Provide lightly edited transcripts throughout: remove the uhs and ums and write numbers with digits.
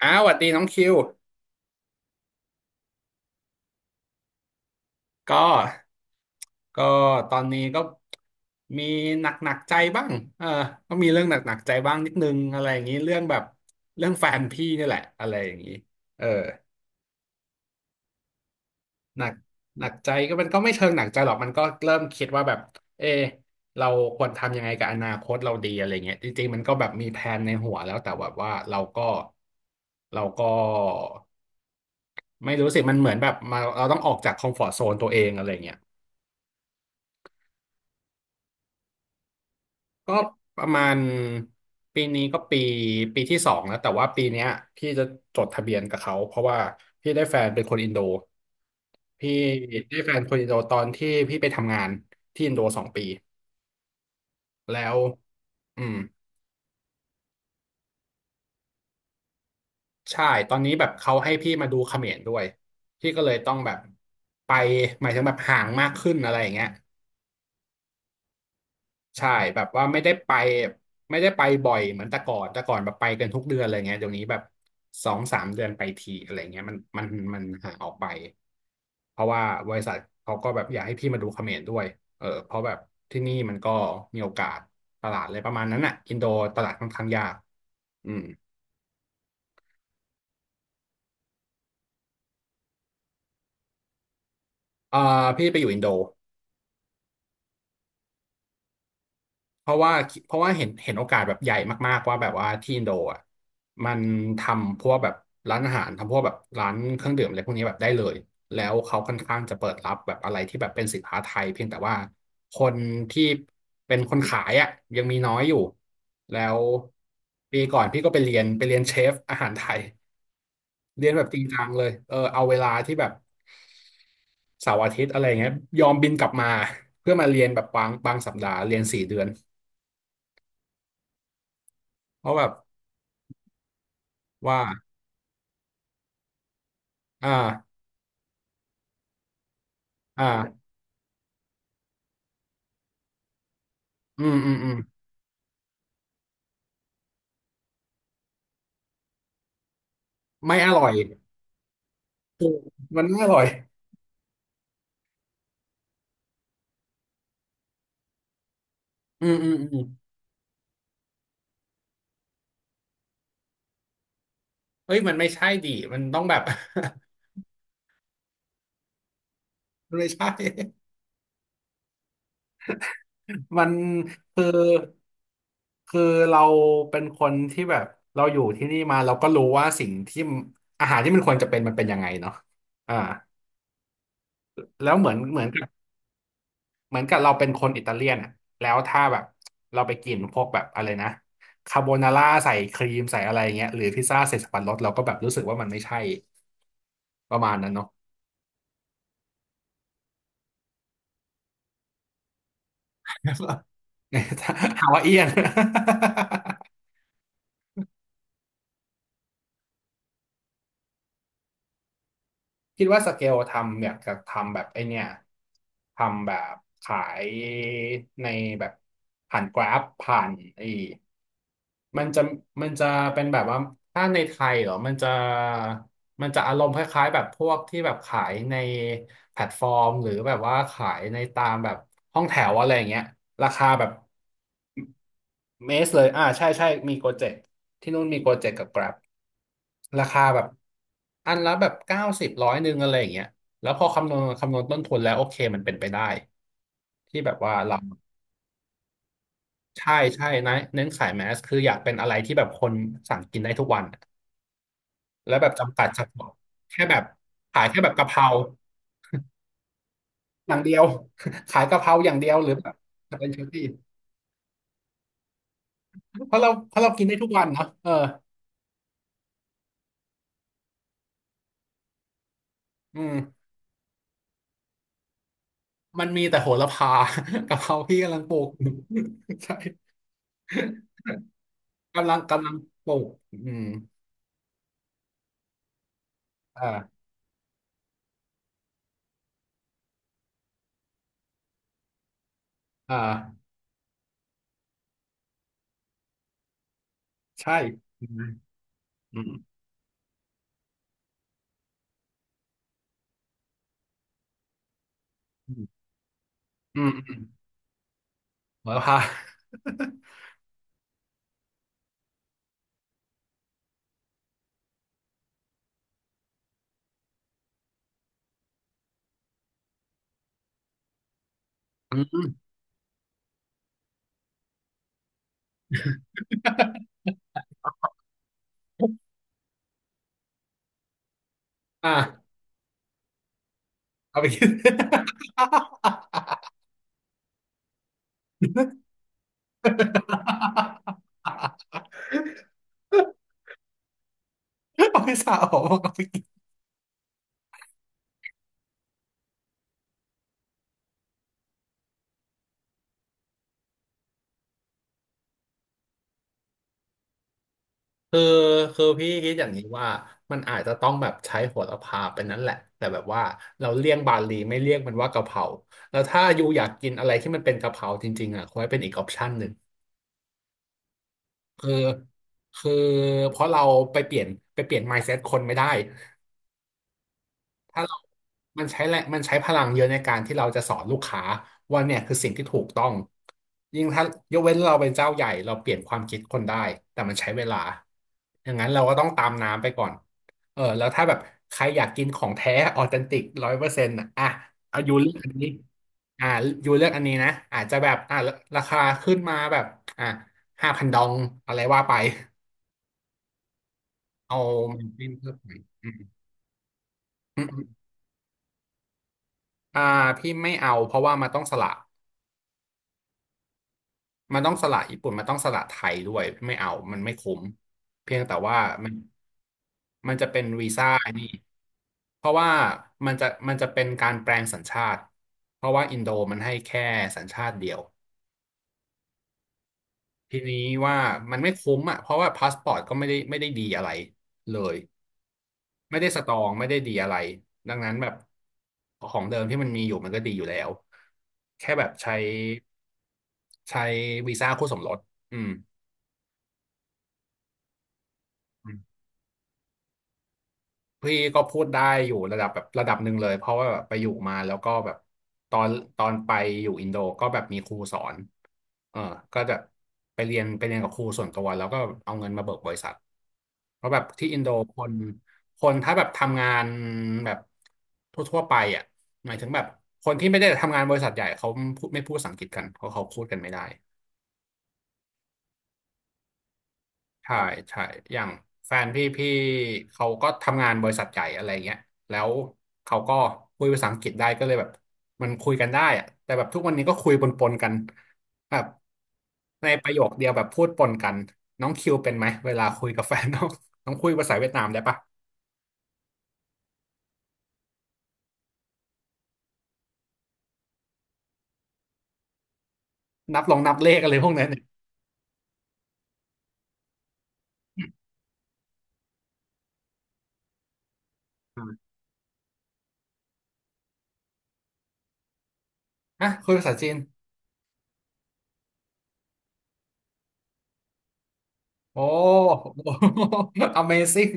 อ้าวสวัสดีน้องคิวก็ก็ตอนนี้ก็มีหนักใจบ้างเออก็มีเรื่องหนักใจบ้างนิดนึงอะไรอย่างนี้เรื่องแบบเรื่องแฟนพี่นี่แหละอะไรอย่างนี้เออหนักหนักใจก็มันก็ไม่เชิงหนักใจหรอกมันก็เริ่มคิดว่าแบบเอเราควรทำยังไงกับอนาคตเราดีอะไรเงี้ยจริงๆมันก็แบบมีแผนในหัวแล้วแต่แบบว่าเราก็ไม่รู้สิมันเหมือนแบบมาเราต้องออกจากคอมฟอร์ z โซนตัวเองอะไรเงี้ย ก็ประมาณปีนี้ก็ปีที่สองแล้วแต่ว่าปีเนี้ยพี่จะจดทะเบียนกับเขาเพราะว่าพี่ได้แฟนเป็นคนอินโดพี่ได้แฟนคนอินโดตอนที่พี่ไปทำงานที่อินโด2 ปีแล้วอืมใช่ตอนนี้แบบเขาให้พี่มาดูเขมรด้วยพี่ก็เลยต้องแบบไปหมายถึงแบบห่างมากขึ้นอะไรอย่างเงี้ย ใช่แบบว่าไม่ได้ไปบ่อยเหมือนแต่ก่อนแต่ก่อนแบบไปกันทุกเดือนอะไรเงี้ยเดี๋ยวนี้แบบ2-3 เดือนไปทีอะไรเงี้ยมันห่างออกไปเพราะว่าบริษัทเขาก็แบบอยากให้พี่มาดูเขมรด้วยเพราะแบบที่นี่มันก็มีโอกาสตลาดอะไรประมาณนั้นอ่ะอินโดตลาดค่อนข้างยากอืมเออพี่ไปอยู่อินโด เพราะว่าเพราะว่าเห็นโอกาสแบบใหญ่มากๆว่าแบบว่าที่อินโดอ่ะมันทำพวกแบบร้านอาหารทำพวกแบบร้านเครื่องดื่มอะไรพวกนี้แบบได้เลยแล้วเขาค่อนข้างจะเปิดรับแบบอะไรที่แบบเป็นสินค้าไทยเพียงแต่ว่าคนที่เป็นคนขายอ่ะยังมีน้อยอยู่แล้วปีก่อนพี่ก็ไปเรียนเชฟอาหารไทยเรียนแบบจริงจังเลยเอาเวลาที่แบบเสาร์อาทิตย์อะไรเงี้ยยอมบินกลับมาเพื่อมาเรียนแบบบางสัปดาห์เรียน4 เดือนเพราะแบบว่า อ่าอ่าอืมอืมอืมไม่อร่อยถูกมันไม่อร่อยอืมอืมอืมเฮ้ยมันไม่ใช่ดิมันต้องแบบ มันไม่ใช่มันคือคือเราเป็นคนที่แบบเราอยู่ที่นี่มาเราก็รู้ว่าสิ่งที่อาหารที่มันควรจะเป็นมันเป็นยังไงเนาะอ่าแล้วเหมือนเหมือนกับเหมือนกับเราเป็นคนอิตาเลียนอ่ะแล้วถ้าแบบเราไปกินพวกแบบอะไรนะคาโบนาร่าใส่ครีมใส่อะไรเงี้ยหรือพิซซ่าใส่สับปะรดเราก็แบบรู้สึกว่ามันไม่ใช่ ประมาณนั้นเนาะ ฮาวาเอียน คิดว่าสเกลทำอยากจะทำแบบไอเนี่ยทำแบบขายในแบบผ่านกราฟผ่านไอมันจะมันจะเป็นแบบว่าถ้าในไทยเหรอมันจะอารมณ์คล้ายๆแบบพวกที่แบบขายในแพลตฟอร์มหรือแบบว่าขายในตามแบบห้องแถวอะไรอย่างเงี้ยราคาแบบ เมสเลยอ่าใช่ใช่มีโกเจ็ตที่นู่นมีโกเจ็ตกับ Grab ราคาแบบอันละแบบ90101อะไรอย่างเงี้ยแล้วพอคำนวณต้นทุนแล้วโอเคมันเป็นไปได้ที่แบบว่าเราใช่ใช่นะเน้นขายแมสคืออยากเป็นอะไรที่แบบคนสั่งกินได้ทุกวันแล้วแบบจำกัดเฉพาะแค่แบบขายแค่แบบกะเพราอย่างเดียว ขายกะเพราอย่างเดียวหรือแบบจะเป็นชุดที่เพราะเรากินได้ทุกวันเนาะเอออืม มันมีแต่โหระพา กะเพราพี่กำลังปลูกอยู่ ใช่กำลังปลูกอืมอ่าอ่าใช่อืมอืมอืมอืมอืมโหระพา อืม อ่าเอาไปกิน เอาไปสระผมเอาไปกิน คือคือพี่คิดอย่างนี้ว่ามันอาจจะต้องแบบใช้โหระพาเป็นนั้นแหละแต่แบบว่าเราเลี่ยงบาลีไม่เรียกมันว่ากะเพราแล้วถ้าอยู่อยากกินอะไรที่มันเป็นกะเพราจริงๆอ่ะคอยเป็นอีกออปชันหนึ่งคือคือเพราะเราไปเปลี่ยนไปเปลี่ยน mindset คนไม่ได้ ถ้าเรามันใช้แรงมันใช้พลังเยอะในการที่เราจะสอนลูกค้าว่าเนี่ยคือสิ่งที่ถูกต้องยิ่งถ้ายกเว้นเราเป็นเจ้าใหญ่เราเปลี่ยนความคิดคนได้ แต่มันใช้เวลาอย่างนั้นเราก็ต้องตามน้ำไปก่อน เออ แล้วถ้าแบบใครอยากกินของแท้ออเทนติก100%อ่ะเอายูเลือกอันนี้อ่ายูเลือกอันนี้นะอาจจะแบบอ่าราคาขึ้นมาแบบอ่า5,000 ดองอะไรว่าไป เอามันเป็นเพิ่มไปอืมอืมอ่าพี่ไม่เอาเพราะว่ามันต้องสละ มันต้องสละญี่ปุ่นมันต้องสละไทยด้วยไม่เอา มันไม่คุ้มเพียงแต่ว่ามันมันจะเป็นวีซ่าไอ้นี่เพราะว่ามันจะเป็นการแปลงสัญชาติเพราะว่าอินโดมันให้แค่สัญชาติเดียวทีนี้ว่ามันไม่คุ้มอ่ะเพราะว่าพาสปอร์ตก็ไม่ได้ดีอะไรเลยไม่ได้สตรองไม่ได้ดีอะไรดังนั้นแบบของเดิมที่มันมีอยู่มันก็ดีอยู่แล้วแค่แบบใช้วีซ่าคู่สมรสอืม พี่ก็พูดได้อยู่ระดับแบบระดับหนึ่งเลยเพราะว่าแบบไปอยู่มาแล้วก็แบบตอนตอนไปอยู่อินโดก็แบบมีครูสอนเออก็จะไปเรียนกับครูส่วนตัวแล้วก็เอาเงินมาเบิกบริษัทเพราะแบบที่อินโดคนถ้าแบบทำงานแบบทั่วๆไปอ่ะหมายถึงแบบคนที่ไม่ได้ทำงานบริษัทใหญ่เขาไม่พูดภาษาอังกฤษกันเพราะเขาพูดกันไม่ได้ ใช่ใช่ อย่างแฟนพี่เขาก็ทำงานบริษัทใหญ่อะไรเงี้ยแล้วเขาก็คุยภาษาอังกฤษได้ก็เลยแบบมันคุยกันได้อะแต่แบบทุกวันนี้ก็คุยปนๆกันแบบในประโยคเดียวแบบพูดปนกันน้องคิวเป็นไหมเวลาคุยกับแฟนน้อง น้องคุยภาษาเวียดนามได้ปะนับลองนับเลขอะไรพวกนั้นเนี่ยอ่าอ่ะคุยภาษาจีนโอ้โห Amazing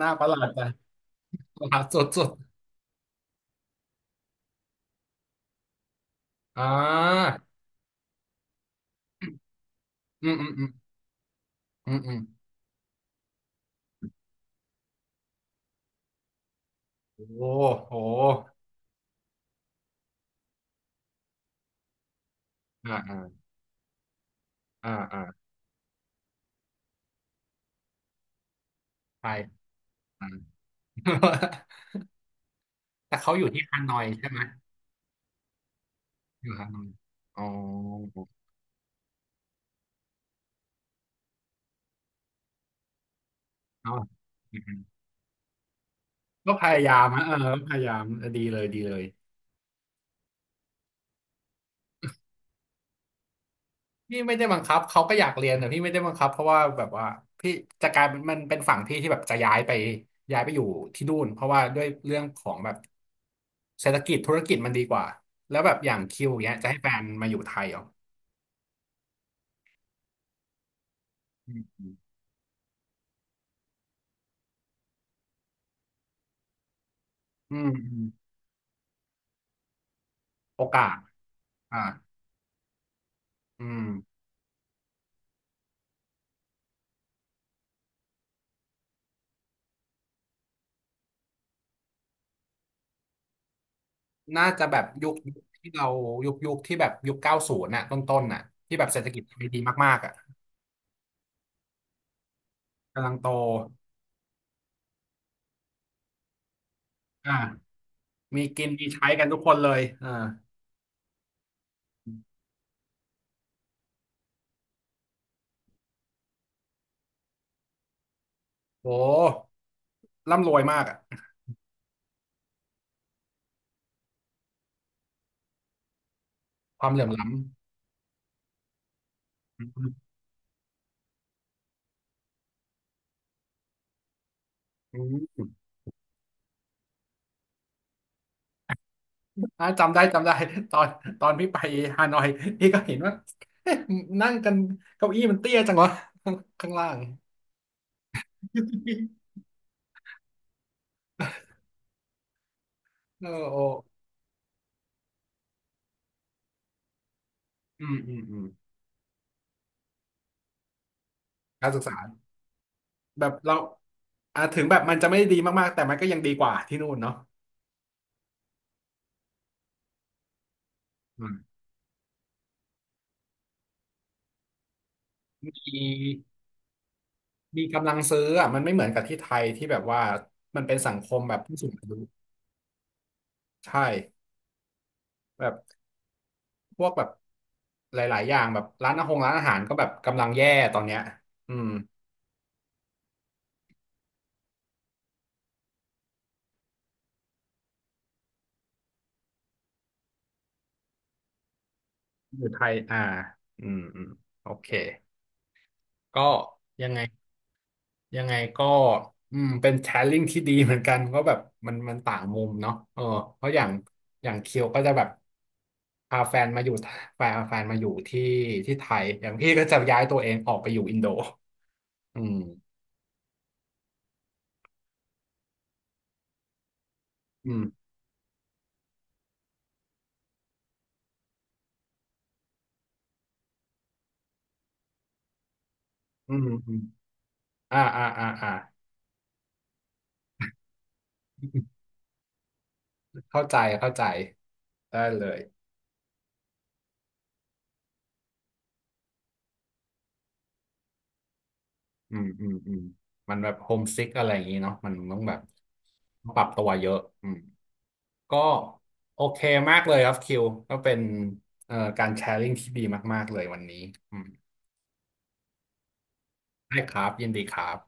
น่าประหลาดใจประหลา ดสุดๆอ่าอืมอืมอืมอืมอืม โอ้โหอ่าอ่าอ่าอ่าไปอ่า แต่เขาอยู่ที่ฮานอยใช่ไหมอยู่ฮานอยอ๋อเอาอืมก็พยายามนะเออพยายามดีเลยดีเลยพี่ไม่ได้บังคับเขาก็อยากเรียนแต่พี่ไม่ได้บังคับเพราะว่าแบบว่าพี่จะกลายเป็นมันเป็นฝั่งพี่ที่แบบจะย้ายไปย้ายไปอยู่ที่นู่นเพราะว่าด้วยเรื่องของแบบเศรษฐกิจธุรกิจมันดีกว่าแล้วแบบอย่างคิวเนี้ยจะให้แฟนมาอยู่ไทยเหรออืมอืมอืมโอกาสอ่า อืมน่าจะแบบยุคที่เรายุคที่แบบยุคเก้าศูนย์น่ะต้นน่ะที่แบบเศรษฐกิจไทยดีมากๆอ่ะกำลังโตอ่ามีกินมีใช้กันทุกคนเลยโหร่ำรวยมากอ่ะความเหลื่อมล้ำอืมอืมอ่าจำได้ ตอนตอนพี่ไปฮานอยพี่ก็เห็นว่าเอ๊ะนั่งกันเก้าอี้มันเตี้ยจังวะ ข้างล่างเออโออืมอืมอืมการศึกษา แบบเราอ่าถึงแบบมันจะไม่ได้ดีมากๆแต่มันก็ยังดีกว่าที่นู่นเนาะอืมมีมีกำลังซื้ออ่ะมันไม่เหมือนกับที่ไทยที่แบบว่ามันเป็นสังคมแบบผู้สูงอายุใช่แบบพวกแบบหลายๆอย่างแบบร้านอาหารก็แบบกำลังแย่ตอนเนี้ยอืมอยู่ไทยอ่าอืมอืมโอเคก็ยังไง ยังไงก็อืมเป็นแชร์ลิงที่ดีเหมือนกันก็แบบมันต่างมุมเนาะเออเพราะอย่างอย่างเคียวก็จะแบบพาแฟนมาอยู่แฟนมาอยู่ที่ไทยอย่างพี่ก็จะย้ายตัวเองออกไปอยู่อินโดอืมอืมอืมอืมอ่าอ่าอ่าอ่า เข้าใจเข้าใจได้เลยอืมอืมอืมมันแบบโฮมซิกอะไรอย่างนี้เนาะมันต้องแบบปรับตัวเยอะอืม ก็โอเคมากเลยครับคิวก็เป็นเอ่อการแชร์ลิงที่ดีมากๆเลยวันนี้อืมได้ครับยินดีครับ